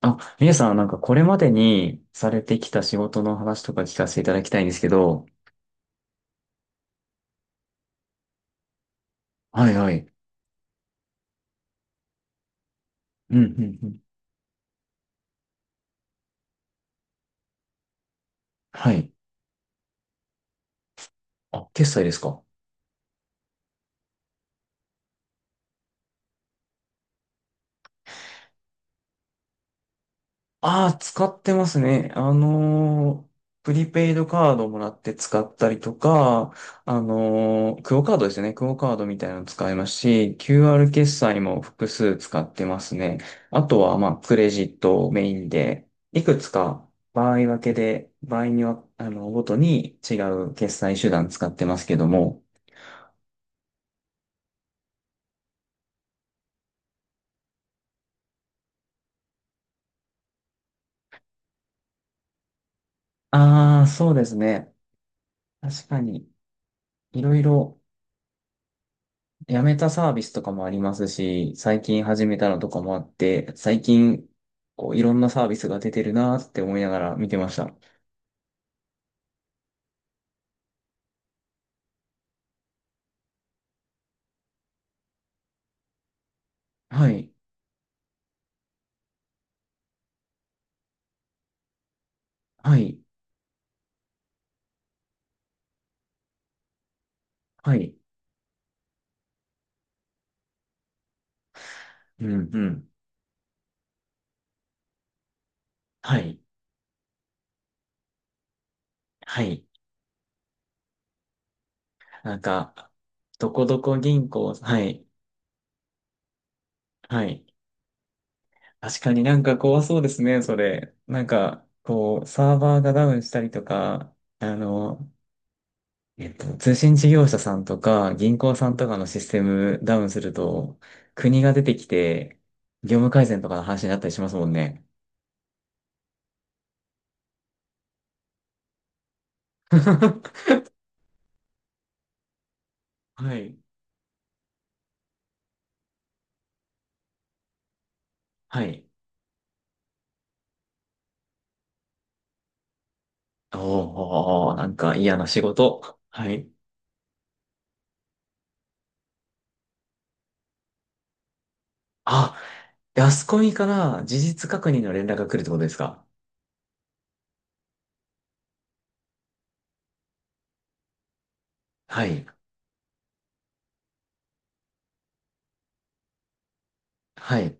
あ、みゆさん、なんかこれまでにされてきた仕事の話とか聞かせていただきたいんですけど。はいはい。うん、うん、うん。はい。あ、決済ですか？ああ、使ってますね。プリペイドカードもらって使ったりとか、クオカードですね。クオカードみたいなの使いますし、QR 決済も複数使ってますね。あとは、まあ、クレジットをメインで、いくつか場合分けで、場合には、あの、ごとに違う決済手段使ってますけども。ああ、そうですね。確かに、いろいろ辞めたサービスとかもありますし、最近始めたのとかもあって、最近、こう、いろんなサービスが出てるなーって思いながら見てました。はい、はい、はい、うん、うん、はい、はい。なんか、どこどこ銀行、はい、はい。確かになんか怖そうですね、それ。なんか、こう、サーバーがダウンしたりとか、あの、通信事業者さんとか銀行さんとかのシステムダウンすると、国が出てきて、業務改善とかの話になったりしますもんね。はい。はい。おー、なんか嫌な仕事。はい。あ、であそこみから事実確認の連絡が来るってことですか？はい。はい。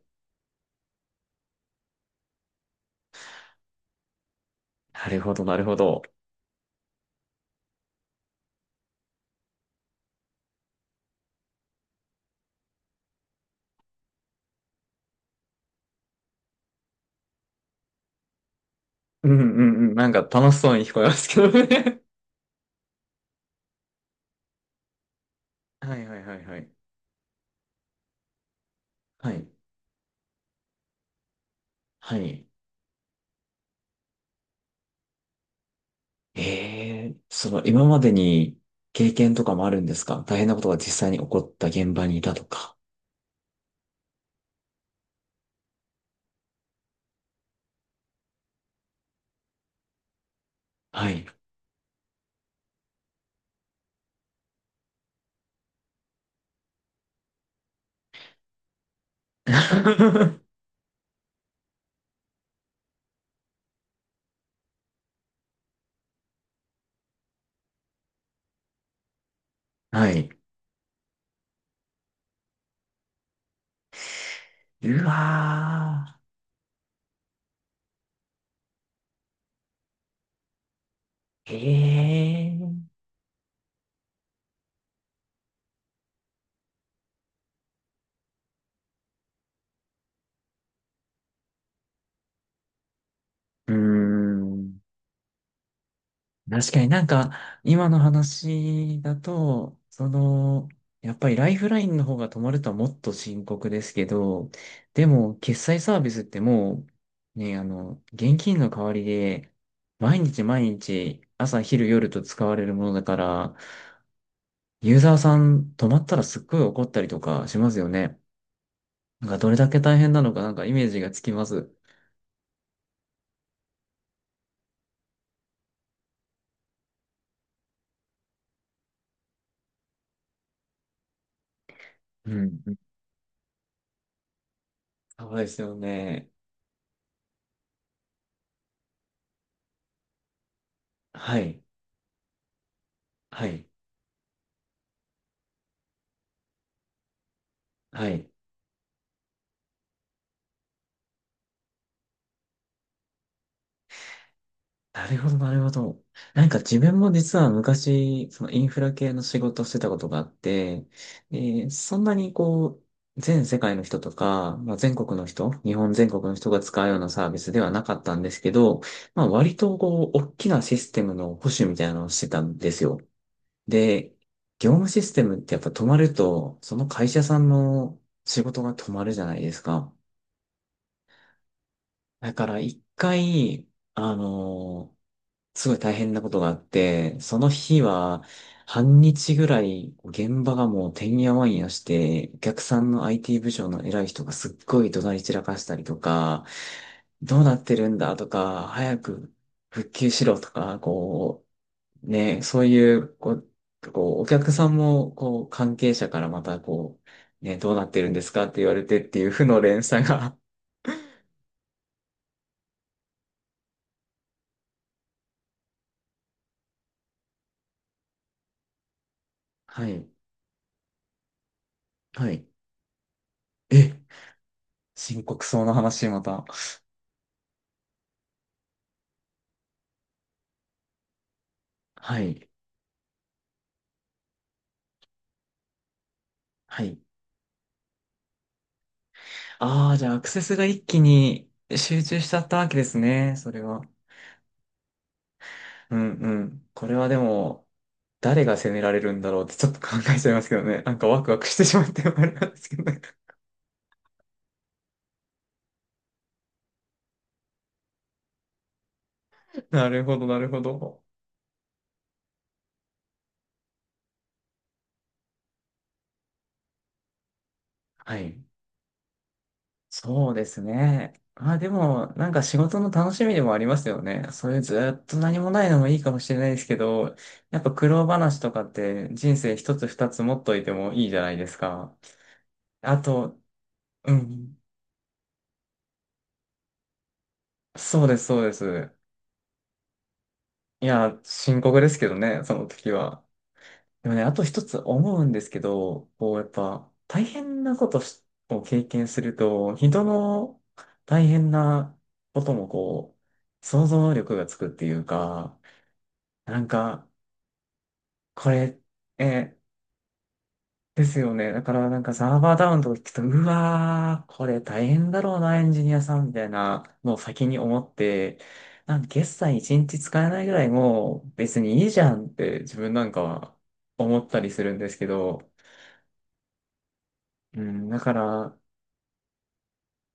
なるほど、なるほど。うんうんうん。なんか楽しそうに聞こえますけどね。はいはいはいはい。はい。はい。ええ、その今までに経験とかもあるんですか？大変なことが実際に起こった現場にいたとか。はい。はい。うわー。ええ。うーん。確かになんか、今の話だと、その、やっぱりライフラインの方が止まるとはもっと深刻ですけど、でも、決済サービスってもう、ね、あの、現金の代わりで、毎日毎日、朝、昼、夜と使われるものだから、ユーザーさん止まったらすっごい怒ったりとかしますよね。なんか、どれだけ大変なのか、なんかイメージがつきます。うん。うんそうですよね。はい。はい。はい。なるほど、なるほど。なんか自分も実は昔、そのインフラ系の仕事をしてたことがあって、で、そんなにこう、全世界の人とか、まあ、全国の人、日本全国の人が使うようなサービスではなかったんですけど、まあ割とこう、大きなシステムの保守みたいなのをしてたんですよ。で、業務システムってやっぱ止まると、その会社さんの仕事が止まるじゃないですか。だから一回、あのすごい大変なことがあって、その日は、半日ぐらい、現場がもうてんやわんやして、お客さんの IT 部署の偉い人がすっごい怒鳴り散らかしたりとか、どうなってるんだとか、早く復旧しろとか、こう、ね、そういう、こう、こうお客さんも、こう、関係者からまた、こう、ね、どうなってるんですかって言われてっていう負の連鎖が。はい。はい。え、深刻そうな話、また。はい。はい。ああ、じゃあアクセスが一気に集中しちゃったわけですね、それは。うんうん。これはでも、誰が責められるんだろうってちょっと考えちゃいますけどね。なんかワクワクしてしまってあれなんですけどね。なるほど、なるほど。はい。そうですね。まあでも、なんか仕事の楽しみでもありますよね。そういうずっと何もないのもいいかもしれないですけど、やっぱ苦労話とかって人生一つ二つ持っといてもいいじゃないですか。あと、うん。そうです、そうです。いや、深刻ですけどね、その時は。でもね、あと一つ思うんですけど、こう、やっぱ、大変なことしを経験すると、人の大変なこともこう、想像力がつくっていうか、なんか、これ、えですよね。だからなんかサーバーダウンとか聞くと、うわー、これ大変だろうな、エンジニアさんみたいなのを先に思って、なんか決済一日使えないぐらいもう別にいいじゃんって自分なんかは思ったりするんですけど、うん、だから、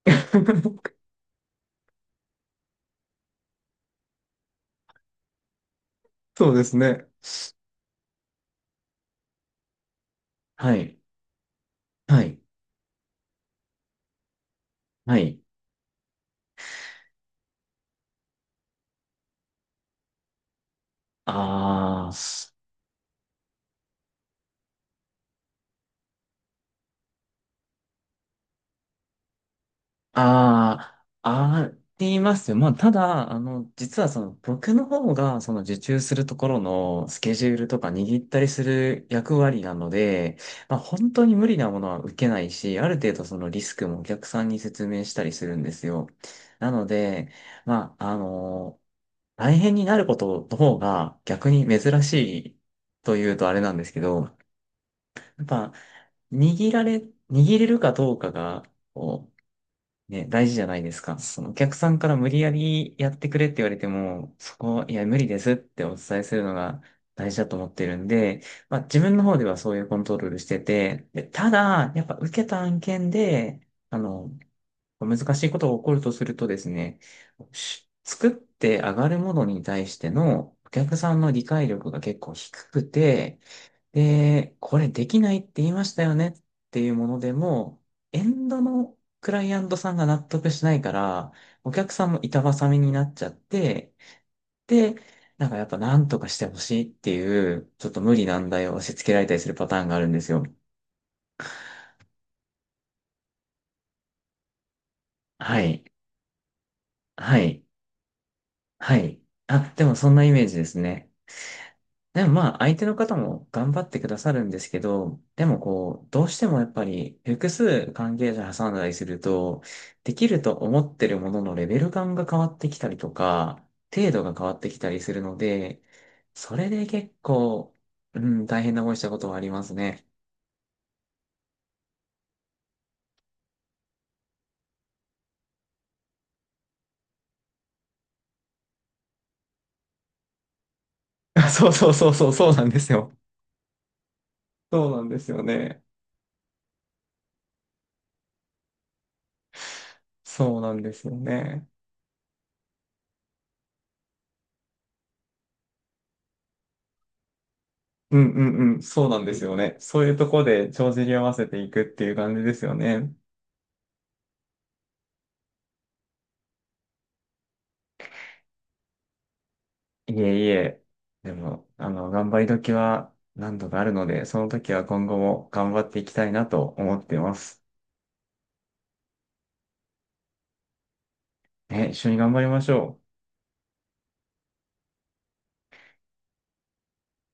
そうですね。はい。はい。はい。ああ。ああ、ありますよ。まあ、ただ、あの、実はその、僕の方が、その受注するところのスケジュールとか握ったりする役割なので、まあ、本当に無理なものは受けないし、ある程度そのリスクもお客さんに説明したりするんですよ。なので、まあ、あの、大変になることの方が逆に珍しいというとあれなんですけど、やっぱ、握られ、握れるかどうかが、こうね、大事じゃないですか。そのお客さんから無理やりやってくれって言われても、そこ、いや、無理ですってお伝えするのが大事だと思ってるんで、まあ自分の方ではそういうコントロールしてて、で、ただ、やっぱ受けた案件で、あの、難しいことが起こるとするとですね、し作って上がるものに対してのお客さんの理解力が結構低くて、で、これできないって言いましたよねっていうものでも、エンドのクライアントさんが納得しないから、お客さんも板挟みになっちゃって、で、なんかやっぱ何とかしてほしいっていう、ちょっと無理難題を押し付けられたりするパターンがあるんですよ。はい。はい。はい。あ、でもそんなイメージですね。でもまあ、相手の方も頑張ってくださるんですけど、でもこう、どうしてもやっぱり複数関係者挟んだりすると、できると思ってるもののレベル感が変わってきたりとか、程度が変わってきたりするので、それで結構、うん、大変な思いしたことはありますね。そうそうそうそう、そうなんですよ。そうなんですよね。そうなんですよね。うんうんうん、そうなんですよね。そういうとこで帳尻合わせていくっていう感じですよね。いえいえ、でも、あの、頑張り時は何度かあるので、その時は今後も頑張っていきたいなと思ってます。ね、一緒に頑張りましょう。